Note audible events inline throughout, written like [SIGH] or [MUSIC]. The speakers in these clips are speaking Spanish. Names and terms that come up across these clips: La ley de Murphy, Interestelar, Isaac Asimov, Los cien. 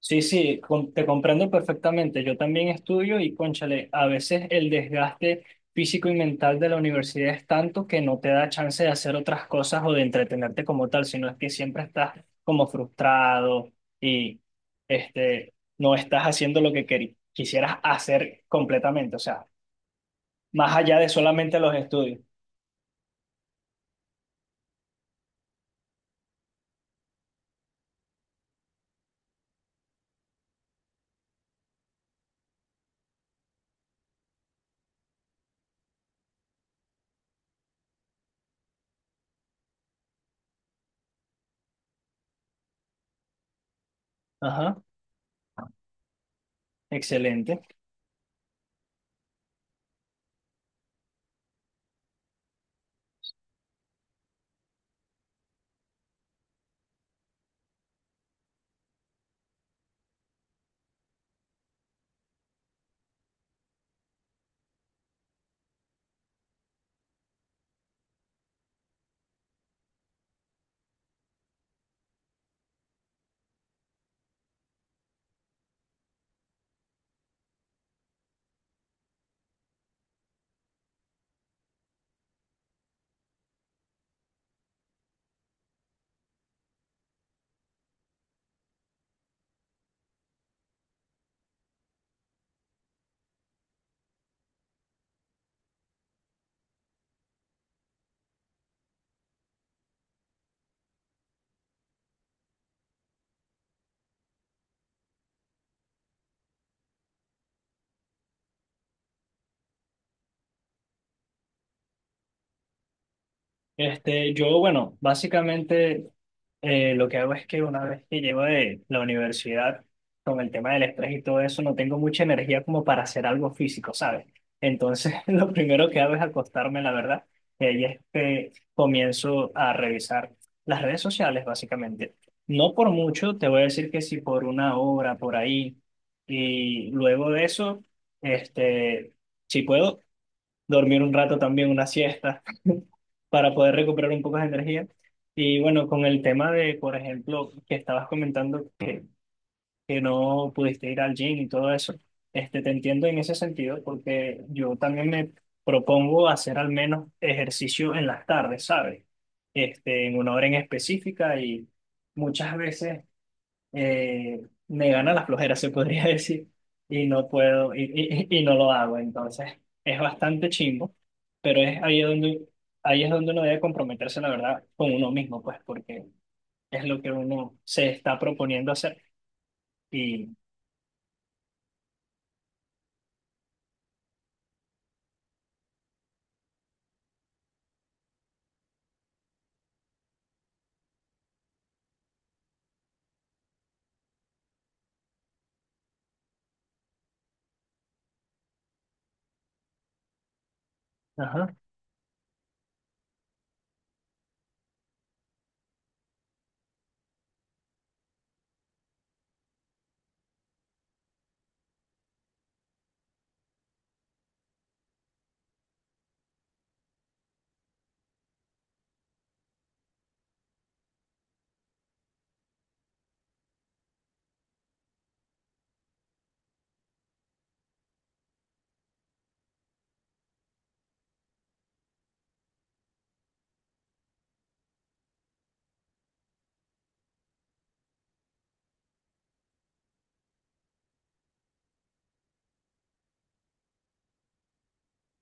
Sí, sí, te comprendo perfectamente. Yo también estudio y, cónchale, a veces el desgaste físico y mental de la universidad es tanto que no te da chance de hacer otras cosas o de entretenerte como tal, sino es que siempre estás como frustrado y no estás haciendo lo que quisieras hacer completamente, o sea, más allá de solamente los estudios. Ajá, excelente. Este, yo, bueno, básicamente lo que hago es que una vez que llego de la universidad, con el tema del estrés y todo eso, no tengo mucha energía como para hacer algo físico, ¿sabes? Entonces, [LAUGHS] lo primero que hago es acostarme, la verdad, y ahí es que comienzo a revisar las redes sociales, básicamente. No por mucho, te voy a decir que sí por una hora, por ahí, y luego de eso, este, si puedo, dormir un rato también, una siesta para poder recuperar un poco de energía. Y bueno, con el tema de, por ejemplo, que estabas comentando que no pudiste ir al gym y todo eso, este, te entiendo en ese sentido porque yo también me propongo hacer al menos ejercicio en las tardes, ¿sabes? Este, en una hora en específica y muchas veces eh, me gana la flojera, se podría [LAUGHS] decir, y no puedo, y no lo hago. Entonces, es bastante chimbo, pero es ahí donde, ahí es donde uno debe comprometerse, la verdad, con uno mismo, pues, porque es lo que uno se está proponiendo hacer. Y, ajá,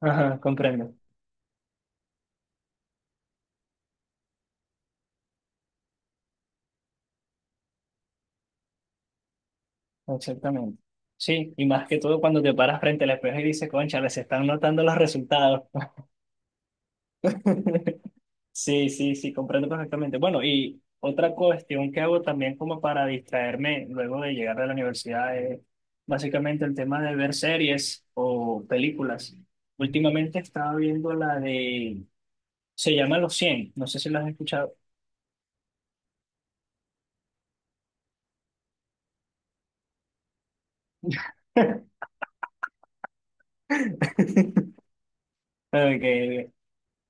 ajá, comprendo, exactamente. Sí, y más que todo cuando te paras frente al espejo y dices, concha, les están notando los resultados. [LAUGHS] Sí, sí, sí, comprendo perfectamente. Bueno, y otra cuestión que hago también como para distraerme luego de llegar de la universidad es básicamente el tema de ver series o películas. Últimamente estaba viendo la de, se llama Los cien, no sé si la has escuchado. [LAUGHS] Okay.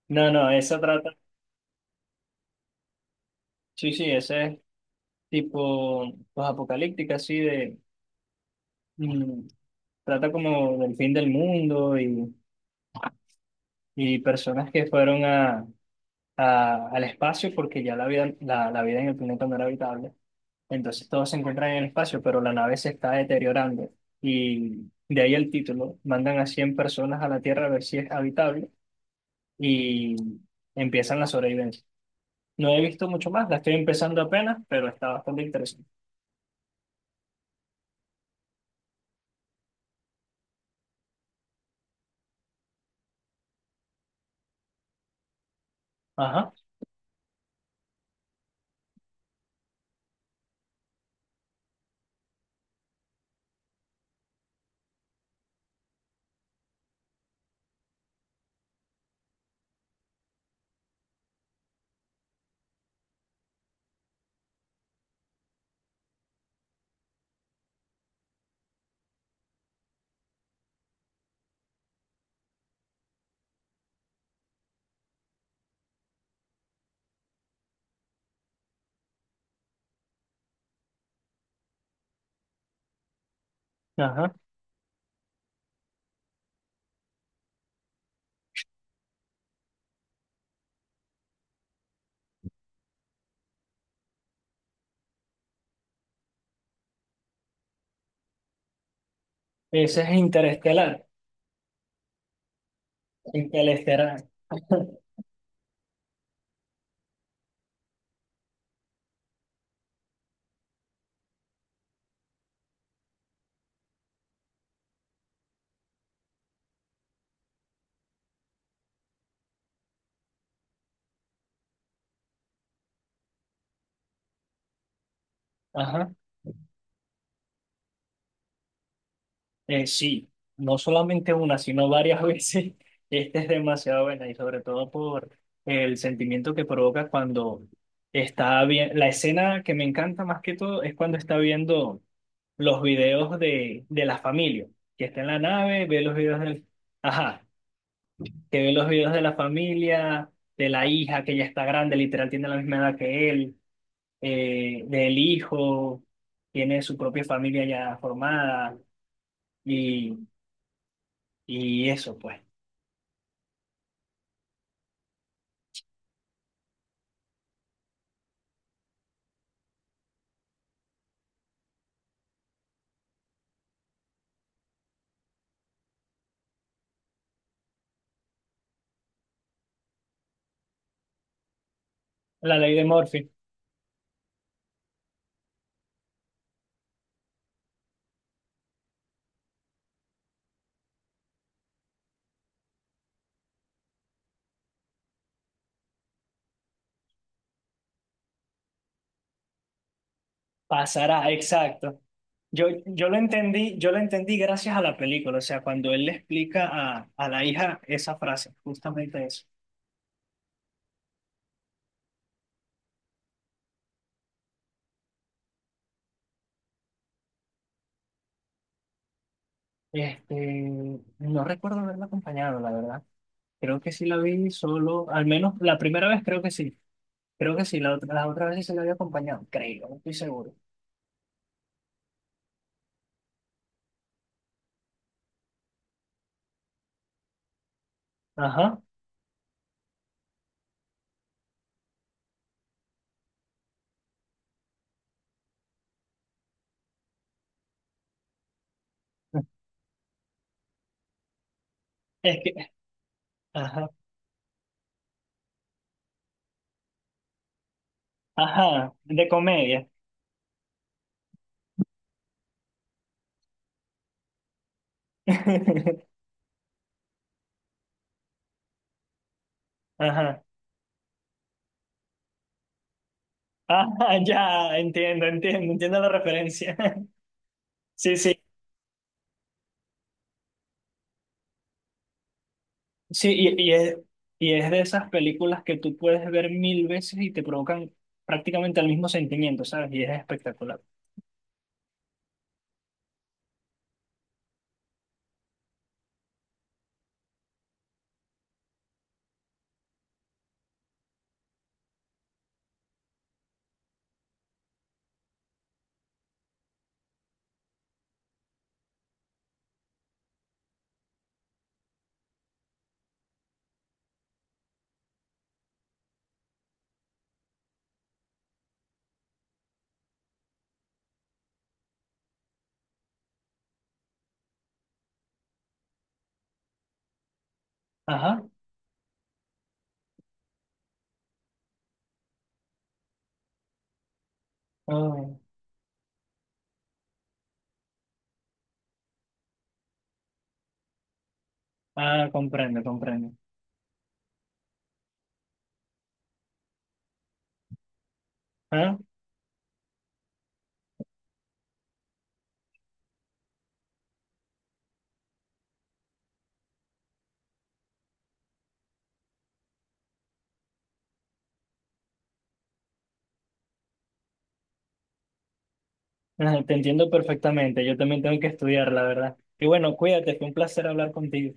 No, no, esa trata, sí, sí, ese es tipo pues, apocalíptica, así de, mm, trata como del fin del mundo y personas que fueron a, al espacio porque ya la vida, la vida en el planeta no era habitable. Entonces todos se encuentran en el espacio, pero la nave se está deteriorando. Y de ahí el título, mandan a 100 personas a la Tierra a ver si es habitable y empiezan la sobrevivencia. No he visto mucho más, la estoy empezando apenas, pero está bastante interesante. Ajá, ajá. Ese es Interestelar. Interestelar. Ajá. Sí, no solamente una, sino varias [LAUGHS] veces. Esta es demasiado buena y sobre todo por el sentimiento que provoca cuando está bien. La escena que me encanta más que todo es cuando está viendo los videos de la familia, que está en la nave, ve los videos del... Ajá, que ve los videos de la familia, de la hija que ya está grande, literal tiene la misma edad que él, del hijo, tiene su propia familia ya formada y, y eso, pues. La ley de Murphy. Pasará, exacto. Yo lo entendí gracias a la película, o sea, cuando él le explica a la hija esa frase, justamente eso. Este, no recuerdo haberla acompañado, la verdad. Creo que sí la vi solo, al menos la primera vez creo que sí. Creo que sí, la otra, las otras veces se la había acompañado, creo, no estoy seguro. Ajá. Es que, ajá, ajá, de comedia. [LAUGHS] Ajá. Ajá, ya, entiendo, entiendo, entiendo la referencia. [LAUGHS] Sí, sí. Sí, y es de esas películas que tú puedes ver mil veces y te provocan prácticamente el mismo sentimiento, ¿sabes? Y es espectacular. Ajá. Oh. Ah, comprendo, comprendo. Ah, ah, te entiendo perfectamente. Yo también tengo que estudiar, la verdad. Y bueno, cuídate, fue un placer hablar contigo.